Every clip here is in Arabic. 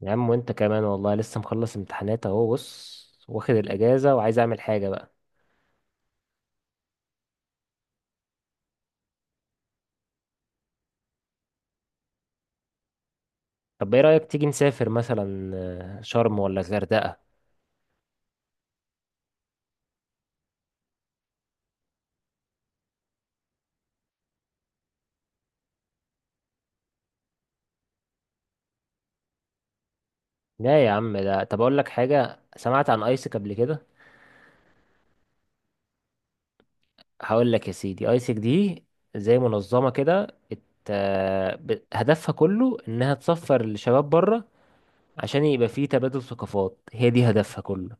يا عم، وانت كمان والله لسه مخلص امتحانات اهو. بص، واخد الاجازه وعايز اعمل حاجه بقى. طب ايه رايك تيجي نسافر مثلا؟ شرم ولا الغردقه؟ لا يا عم. ده طب اقول لك حاجه، سمعت عن ايسك قبل كده؟ هقول لك يا سيدي، ايسك دي زي منظمه كده، هدفها كله انها تسفر الشباب بره. عشان يبقى فيه تبادل ثقافات، هي دي هدفها كله.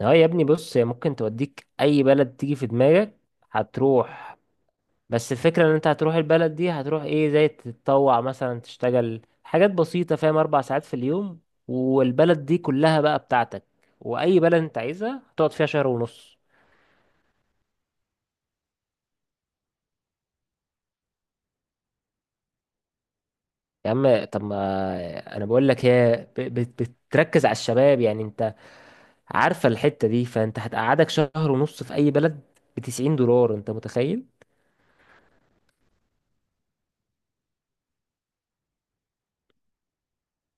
اه يا ابني، بص، هي ممكن توديك اي بلد تيجي في دماغك. هتروح. بس الفكرة ان انت هتروح البلد دي، هتروح ايه زي تتطوع مثلا، تشتغل حاجات بسيطة، فاهم، 4 ساعات في اليوم. والبلد دي كلها بقى بتاعتك، واي بلد انت عايزها هتقعد فيها شهر ونص. يا عم، طب ما انا بقول لك، هي بتركز على الشباب، يعني انت عارفة الحتة دي، فانت هتقعدك شهر ونص في اي بلد ب 90 دولار. انت متخيل؟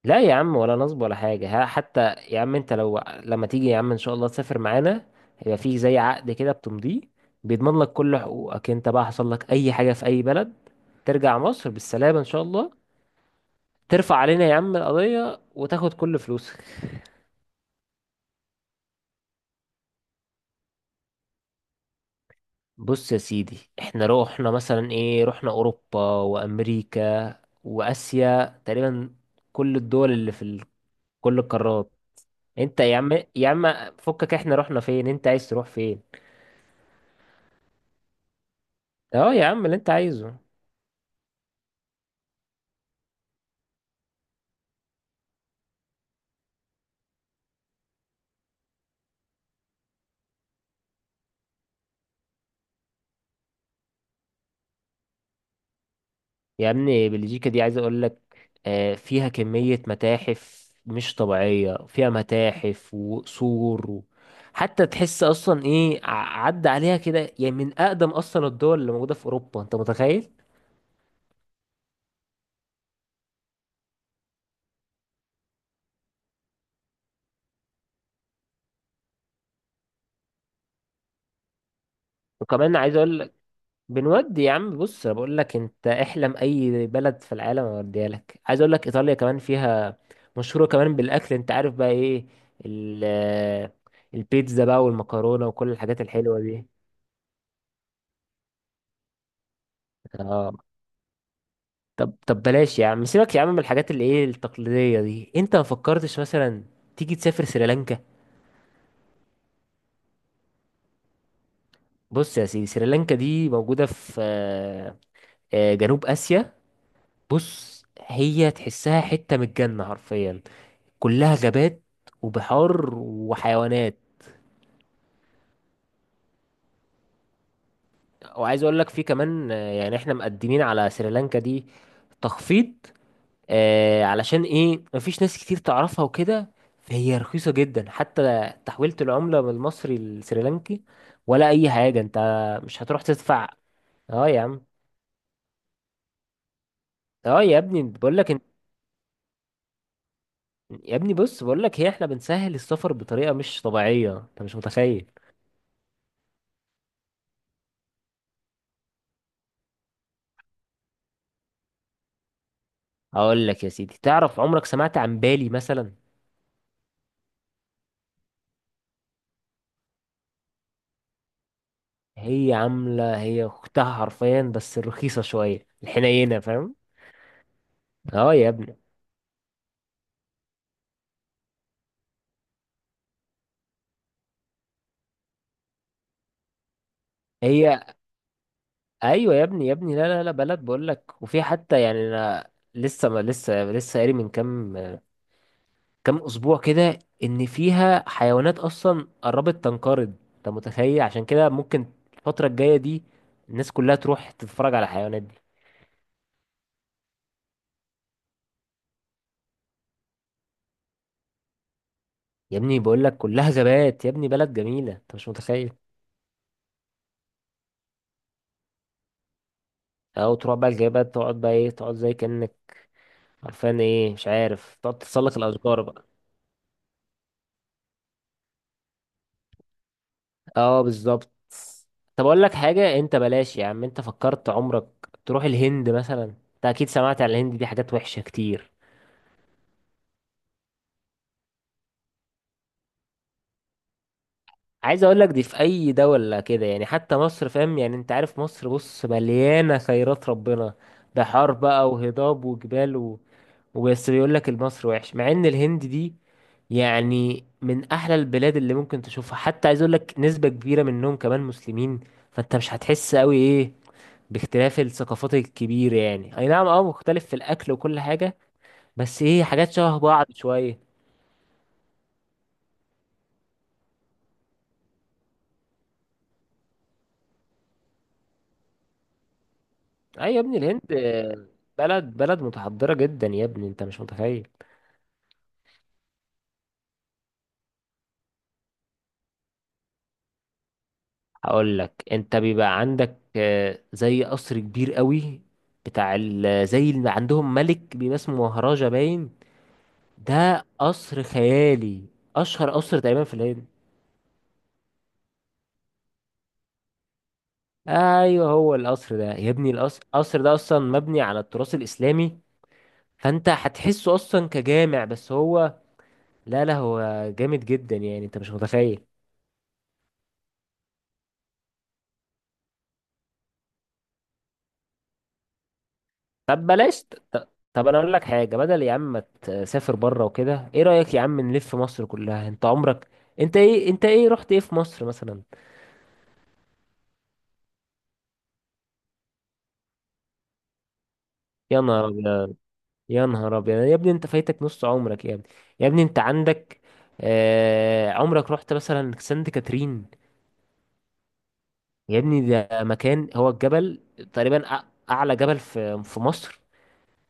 لا يا عم، ولا نصب ولا حاجة، ها حتى. يا عم انت لو، لما تيجي يا عم ان شاء الله تسافر معانا، هيبقى فيه زي عقد كده بتمضيه. بيضمن لك كل حقوقك. انت بقى حصل لك اي حاجة في اي بلد، ترجع مصر بالسلامة ان شاء الله، ترفع علينا يا عم القضية وتاخد كل فلوسك. بص يا سيدي، احنا روحنا مثلا ايه، رحنا اوروبا وامريكا واسيا تقريبا. كل الدول اللي في كل القارات. انت يا عم. يا عم فكك، احنا رحنا فين؟ انت عايز تروح فين؟ اه يا عم، اللي انت عايزه. يا ابني، بلجيكا دي عايز اقول لك، فيها كمية متاحف مش طبيعية، فيها متاحف وقصور حتى تحس اصلا ايه، عدى عليها كده، يعني من اقدم اصلا الدول اللي موجودة في اوروبا. انت متخيل؟ وكمان عايز اقول لك، بنودي يا عم. بص، انا بقول لك انت احلم اي بلد في العالم اوديها لك. عايز اقول لك ايطاليا كمان فيها، مشهورة كمان بالاكل. انت عارف بقى ايه، ال- البيتزا بقى والمكرونة وكل الحاجات الحلوة دي. اه. طب بلاش يا عم، سيبك يا عم من الحاجات اللي ايه التقليدية دي. انت ما فكرتش مثلا تيجي تسافر سريلانكا؟ بص يا سيدي، سريلانكا دي موجودة في جنوب آسيا. بص، هي تحسها حتة من الجنة حرفيا. كلها غابات وبحار وحيوانات. وعايز اقول لك في كمان، يعني احنا مقدمين على سريلانكا دي تخفيض، علشان ايه مفيش ناس كتير تعرفها وكده. فهي رخيصة جدا، حتى تحويلة العملة من المصري للسريلانكي ولا اي حاجة. انت مش هتروح تدفع. اه يا عم. اه يا ابني، بقول لك. يا ابني بص، بقول لك، هي احنا بنسهل السفر بطريقة مش طبيعية. انت مش متخيل. اقول لك يا سيدي، تعرف، عمرك سمعت عن بالي مثلا؟ هي عاملة، هي اختها حرفيا، بس رخيصة شوية الحنينة، فاهم. اه يا ابني. هي ايوه يا ابني، يا ابني، لا لا لا، بلد بقول لك. وفي حتى يعني انا لسه ما لسه لسه قاري من كام اسبوع كده، ان فيها حيوانات اصلا قربت تنقرض. انت متخيل؟ عشان كده ممكن الفتره الجايه دي الناس كلها تروح تتفرج على الحيوانات دي. يا ابني بقول لك، كلها غابات. يا ابني بلد جميله، انت مش متخيل. او تروح بقى الغابات، تقعد بقى ايه، تقعد زي كانك عارفان ايه مش عارف، تقعد تتسلق الاشجار بقى. اه، بالظبط. طب اقول لك حاجه، انت بلاش يا عم. انت فكرت عمرك تروح الهند مثلا؟ انت اكيد سمعت عن الهند دي حاجات وحشه كتير. عايز اقول لك دي في اي دولة كده، يعني حتى مصر فاهم، يعني انت عارف مصر، بص مليانة خيرات ربنا، بحار بقى وهضاب وجبال وبس بيقول لك المصر وحش، مع ان الهند دي يعني من احلى البلاد اللي ممكن تشوفها. حتى عايز اقول لك نسبة كبيرة منهم كمان مسلمين. فانت مش هتحس قوي ايه، باختلاف الثقافات الكبيرة، يعني اي نعم اه مختلف في الاكل وكل حاجة، بس ايه حاجات شبه بعض شوية. اي يا ابني، الهند بلد بلد متحضرة جدا، يا ابني انت مش متخيل. هقول لك، انت بيبقى عندك زي قصر كبير قوي بتاع زي اللي عندهم ملك، بيبقى اسمه مهراجا باين. ده قصر خيالي، اشهر قصر تقريبا في الهند. ايوه، هو القصر ده يا ابني. القصر ده اصلا مبني على التراث الاسلامي. فانت هتحسه اصلا كجامع، بس هو لا لا هو جامد جدا، يعني انت مش متخيل. طب بلاش، طب انا اقول لك حاجه، بدل يا عم ما تسافر بره وكده، ايه رايك يا عم نلف مصر كلها؟ انت عمرك، انت ايه رحت ايه في مصر مثلا؟ يا نهار ابيض، يا نهار ابيض يا ابني، انت فايتك نص عمرك. يا ابني، يا ابني، انت عندك عمرك رحت مثلا سانت كاترين؟ يا ابني ده مكان، هو الجبل تقريبا، اعلى جبل في مصر.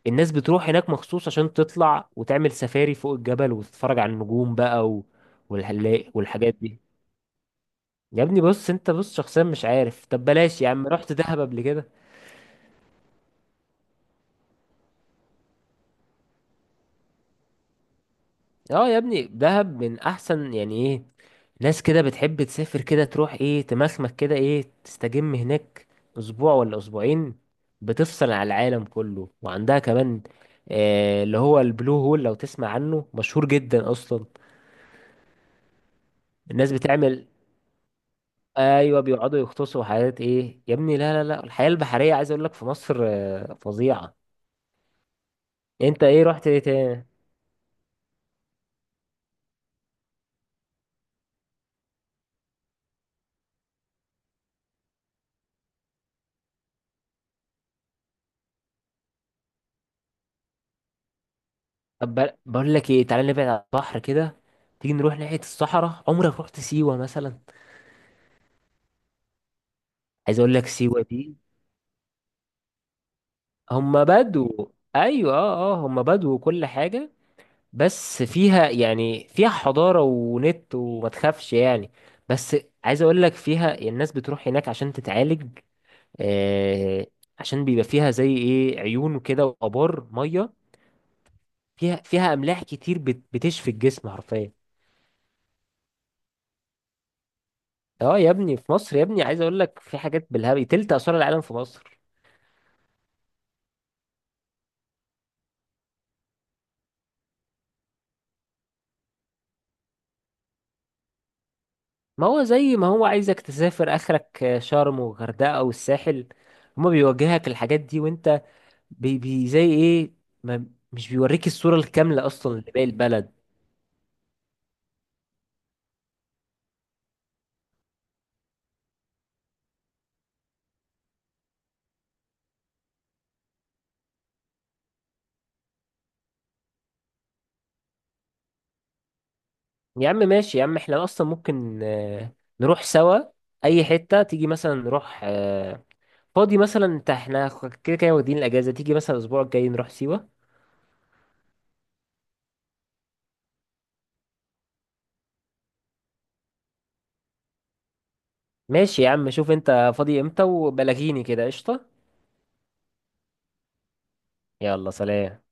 الناس بتروح هناك مخصوص عشان تطلع وتعمل سفاري فوق الجبل، وتتفرج على النجوم بقى والحلاق والحاجات دي. يا ابني بص، انت بص شخصيا مش عارف، طب بلاش يا عم. رحت دهب قبل كده؟ اه يا ابني، دهب من احسن، يعني ايه، ناس كده بتحب تسافر كده، تروح ايه تمخمك كده، ايه تستجم هناك اسبوع ولا اسبوعين، بتفصل على العالم كله. وعندها كمان اللي هو البلو هول، لو تسمع عنه مشهور جدا اصلا. الناس بتعمل، ايوه بيقعدوا يغطسوا حاجات ايه يا ابني. لا لا لا، الحياة البحرية عايز اقول لك في مصر فظيعة. انت ايه رحت ايه تاني؟ طب بقول لك ايه، تعالى نبعد عن البحر كده، تيجي نروح ناحية الصحراء. عمرك رحت سيوة مثلا؟ عايز اقول لك سيوة دي، هم بدو، ايوه، هم بدو وكل حاجة. بس فيها، يعني فيها حضارة ونت، وما تخافش يعني. بس عايز اقول لك، فيها الناس بتروح هناك عشان تتعالج، آه عشان بيبقى فيها زي ايه عيون وكده، وابار مية. فيها املاح كتير بتشفي الجسم حرفيا. اه يا ابني، في مصر يا ابني، عايز اقول لك في حاجات بالهبل، 3 اسوار العالم في مصر. ما هو زي ما هو عايزك تسافر اخرك شرم وغردقه والساحل، هما بيوجهك الحاجات دي، وانت بي بي زي ايه، ما مش بيوريك الصوره الكامله اصلا لباقي البلد. يا عم ماشي يا عم، احنا اصلا ممكن نروح سوا اي حته، تيجي مثلا نروح فاضي مثلا انت، احنا كده كده واخدين الاجازه، تيجي مثلا الاسبوع الجاي نروح سيوه. ماشي يا عم، شوف انت فاضي امتى وبلغيني كده، قشطه. يلا سلام.